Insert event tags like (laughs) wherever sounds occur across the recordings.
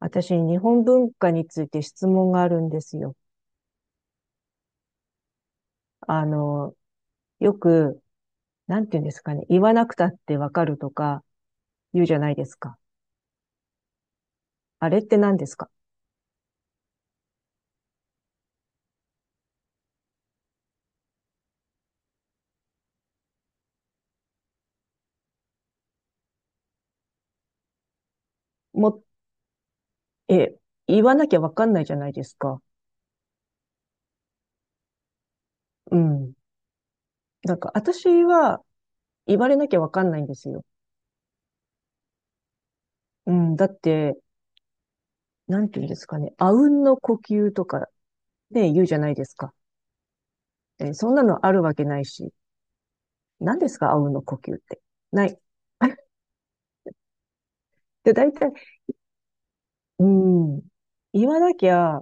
私、日本文化について質問があるんですよ。あの、よく、なんて言うんですかね。言わなくたってわかるとか言うじゃないですか。あれって何ですか？も、え、言わなきゃわかんないじゃないですか。うん。私は言われなきゃわかんないんですよ。うん。だって、なんて言うんですかね。あうんの呼吸とかね、言うじゃないですか。え、そんなのあるわけないし。何ですかあうんの呼吸って。ない。(laughs) で、大体うん。言わなきゃ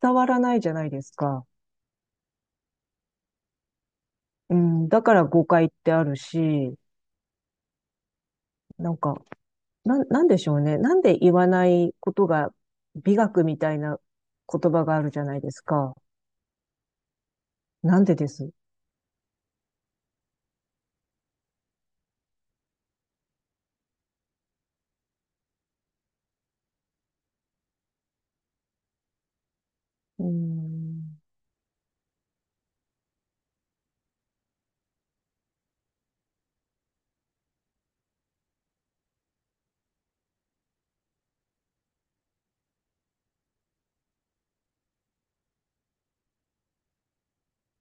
伝わらないじゃないですか。うん。だから誤解ってあるし、なんか、なんでしょうね。なんで言わないことが美学みたいな言葉があるじゃないですか。なんでです。うん。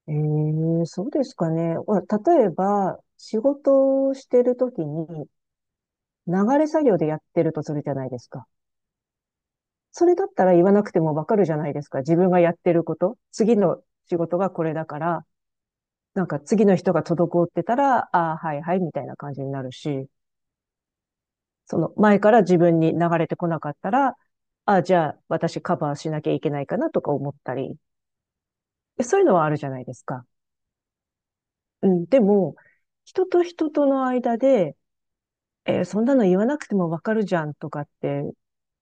ええ、そうですかね。ほら例えば、仕事をしてるときに流れ作業でやってるとするじゃないですか。それだったら言わなくてもわかるじゃないですか。自分がやってること。次の仕事がこれだから、なんか次の人が滞ってたら、ああ、はいはい、みたいな感じになるし、その前から自分に流れてこなかったら、ああ、じゃあ私カバーしなきゃいけないかなとか思ったり、そういうのはあるじゃないですか。うん、でも、人と人との間で、えーそんなの言わなくてもわかるじゃんとかって、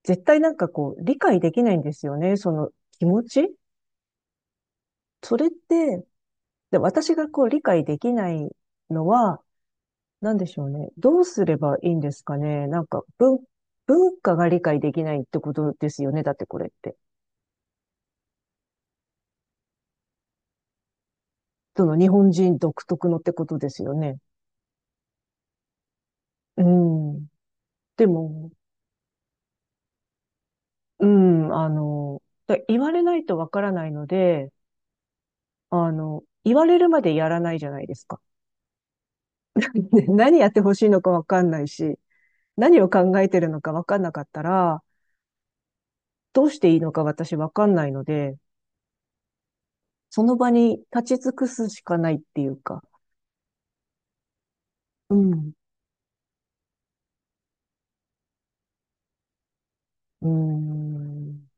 絶対なんかこう、理解できないんですよね、その気持ち。それって、で私がこう理解できないのは、なんでしょうね。どうすればいいんですかね。文化が理解できないってことですよね。だってこれって。その日本人独特のってことですよね。うん。でも、うん、だ言われないとわからないので、言われるまでやらないじゃないですか。(laughs) ね何やってほしいのかわかんないし、何を考えてるのかわかんなかったら、どうしていいのか私わかんないので、その場に立ち尽くすしかないっていうか。うん。うーん、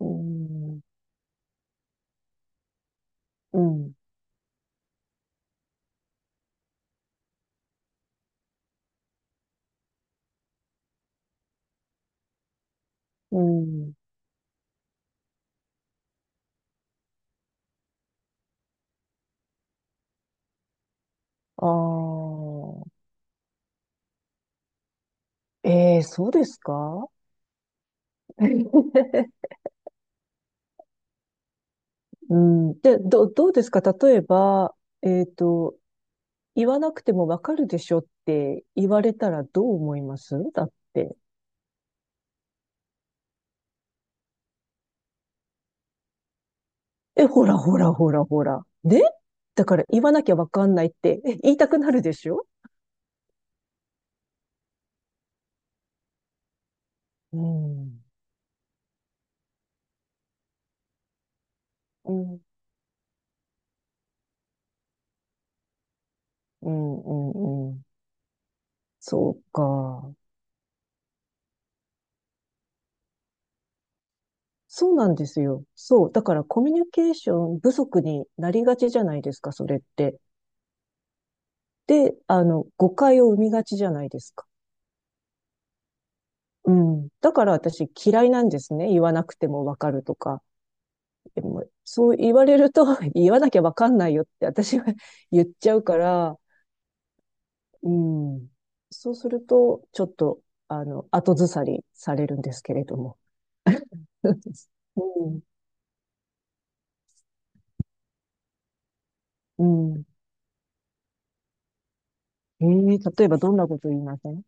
うーん、うん、うん。ああ、ええそうですか？ (laughs) うん、で、どうですか例えば、えっと、言わなくてもわかるでしょって言われたらどう思いますだって。え、ほらほらほらほら。ねだから言わなきゃわかんないってえ言いたくなるでしょ？うん、うん、うん、うん、うん。そうか。そうなんですよ。そう。だからコミュニケーション不足になりがちじゃないですか、それって。で、誤解を生みがちじゃないですか。うん。だから私嫌いなんですね。言わなくてもわかるとか。でもそう言われると (laughs) 言わなきゃわかんないよって私は (laughs) 言っちゃうから、うん。そうすると、ちょっと、後ずさりされるんですけれども。(laughs) うん。うん。ええ例えばどんなこと言いません？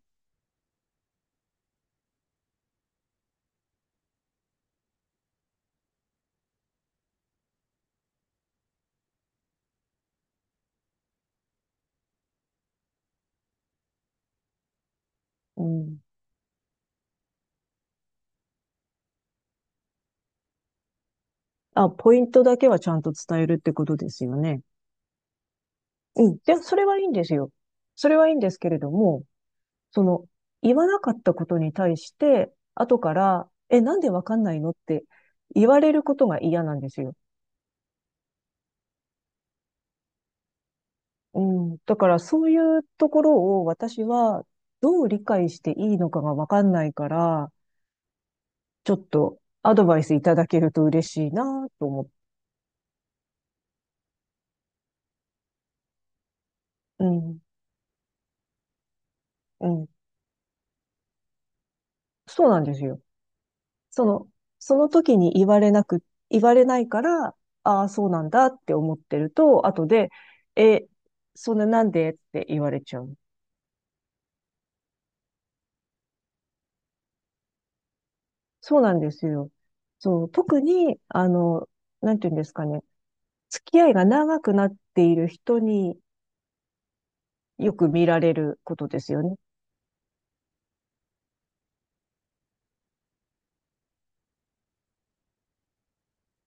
うん。あ、ポイントだけはちゃんと伝えるってことですよね。うん。で、それはいいんですよ。それはいいんですけれども、その、言わなかったことに対して、後から、え、なんでわかんないのって言われることが嫌なんですよ。うん。だから、そういうところを私は、どう理解していいのかがわかんないから、ちょっとアドバイスいただけると嬉しいなと思って。うん。うん。そうなんですよ。その、その時に言われなく、言われないから、ああ、そうなんだって思ってると、後で、え、そんななんでって言われちゃう。そうなんですよ。そう、特に、なんていうんですかね、付き合いが長くなっている人によく見られることですよね。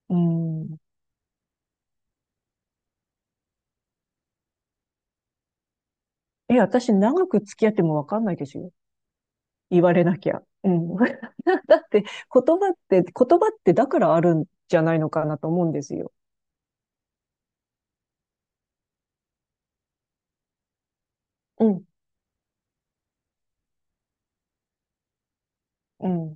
うん。え、私長く付き合ってもわかんないですよ。言われなきゃ。うん。(laughs) だって言葉って、言葉ってだからあるんじゃないのかなと思うんですよ。うん。うん。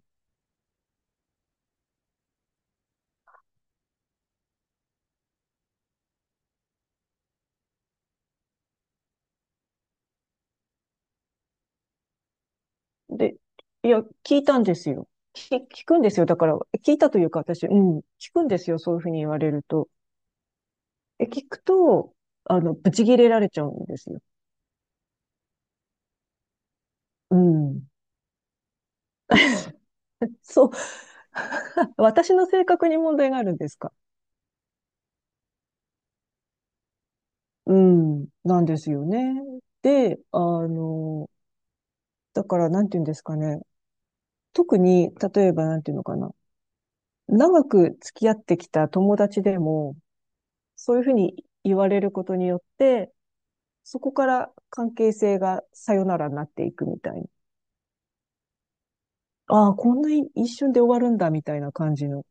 で、いや、聞いたんですよ。聞くんですよ。だから、聞いたというか、私、うん、聞くんですよ。そういうふうに言われると。え、聞くと、ブチ切れられちゃうんですよ。うん。そう。(laughs) 私の性格に問題があるんですか？うん。なんですよね。で、だから、なんて言うんですかね。特に、例えば、なんて言うのかな。長く付き合ってきた友達でも、そういうふうに言われることによって、そこから関係性がさよならになっていくみたいな。ああ、こんな一瞬で終わるんだみたいな感じの。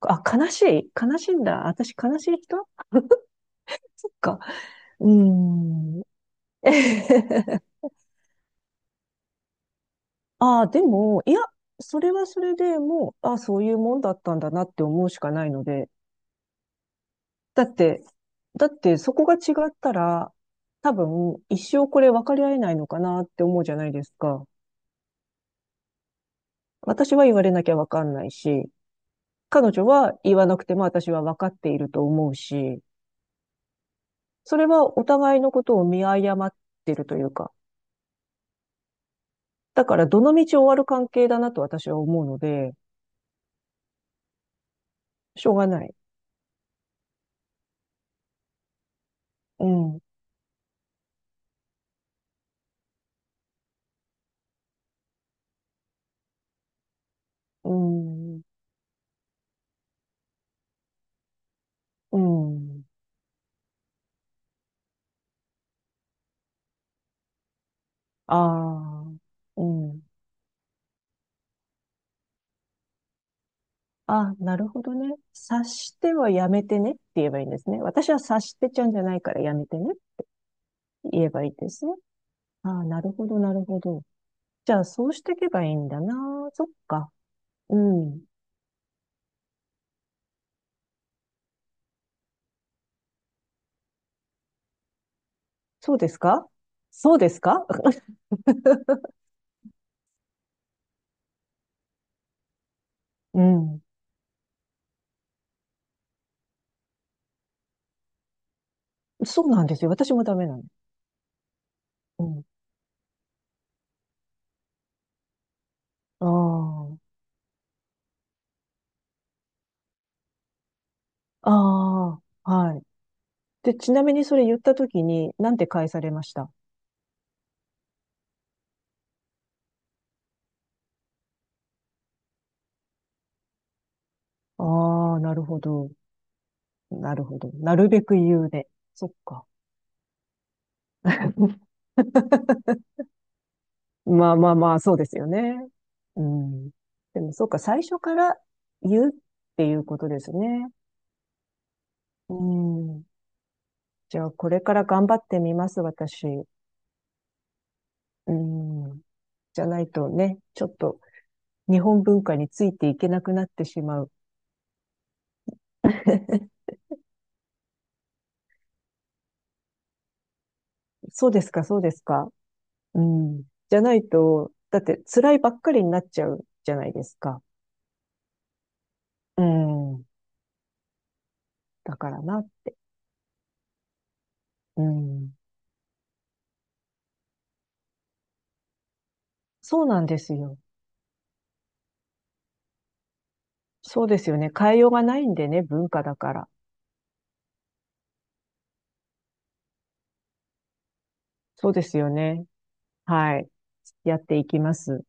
あ、悲しい悲しいんだ。私悲しい人？そっか。うーん。(laughs) ああ、でも、いや、それはそれでもう、ああ、そういうもんだったんだなって思うしかないので。だって、だってそこが違ったら、多分、一生これ分かり合えないのかなって思うじゃないですか。私は言われなきゃ分かんないし、彼女は言わなくても私は分かっていると思うし、それはお互いのことを見誤ってるというか、だからどの道終わる関係だなと私は思うので、しょうがない。うん、うん、うん、ああ、うん。あ、なるほどね。察してはやめてねって言えばいいんですね。私は察してちゃうんじゃないからやめてねって言えばいいですね。ああ、なるほど、なるほど。じゃあ、そうしていけばいいんだな。そっか。うん。そうですか？そうですか？うん。そうなんですよ。私もダメなの。うん。ああ。ああ。はい。で、ちなみにそれ言ったときに、なんて返されました？ああ、なるほど。なるほど。なるべく言うで。そっか。(laughs) まあまあまあ、そうですよね。うん。でも、そうか、最初から言うっていうことですね。うん。じゃあ、これから頑張ってみます、私。うん。じゃないとね、ちょっと日本文化についていけなくなってしまう。(laughs) そうですか、そうですか。うん。じゃないと、だって辛いばっかりになっちゃうじゃないですか。うん。だからなって。うん。そうなんですよ。そうですよね。変えようがないんでね、文化だから。そうですよね。はい。やっていきます。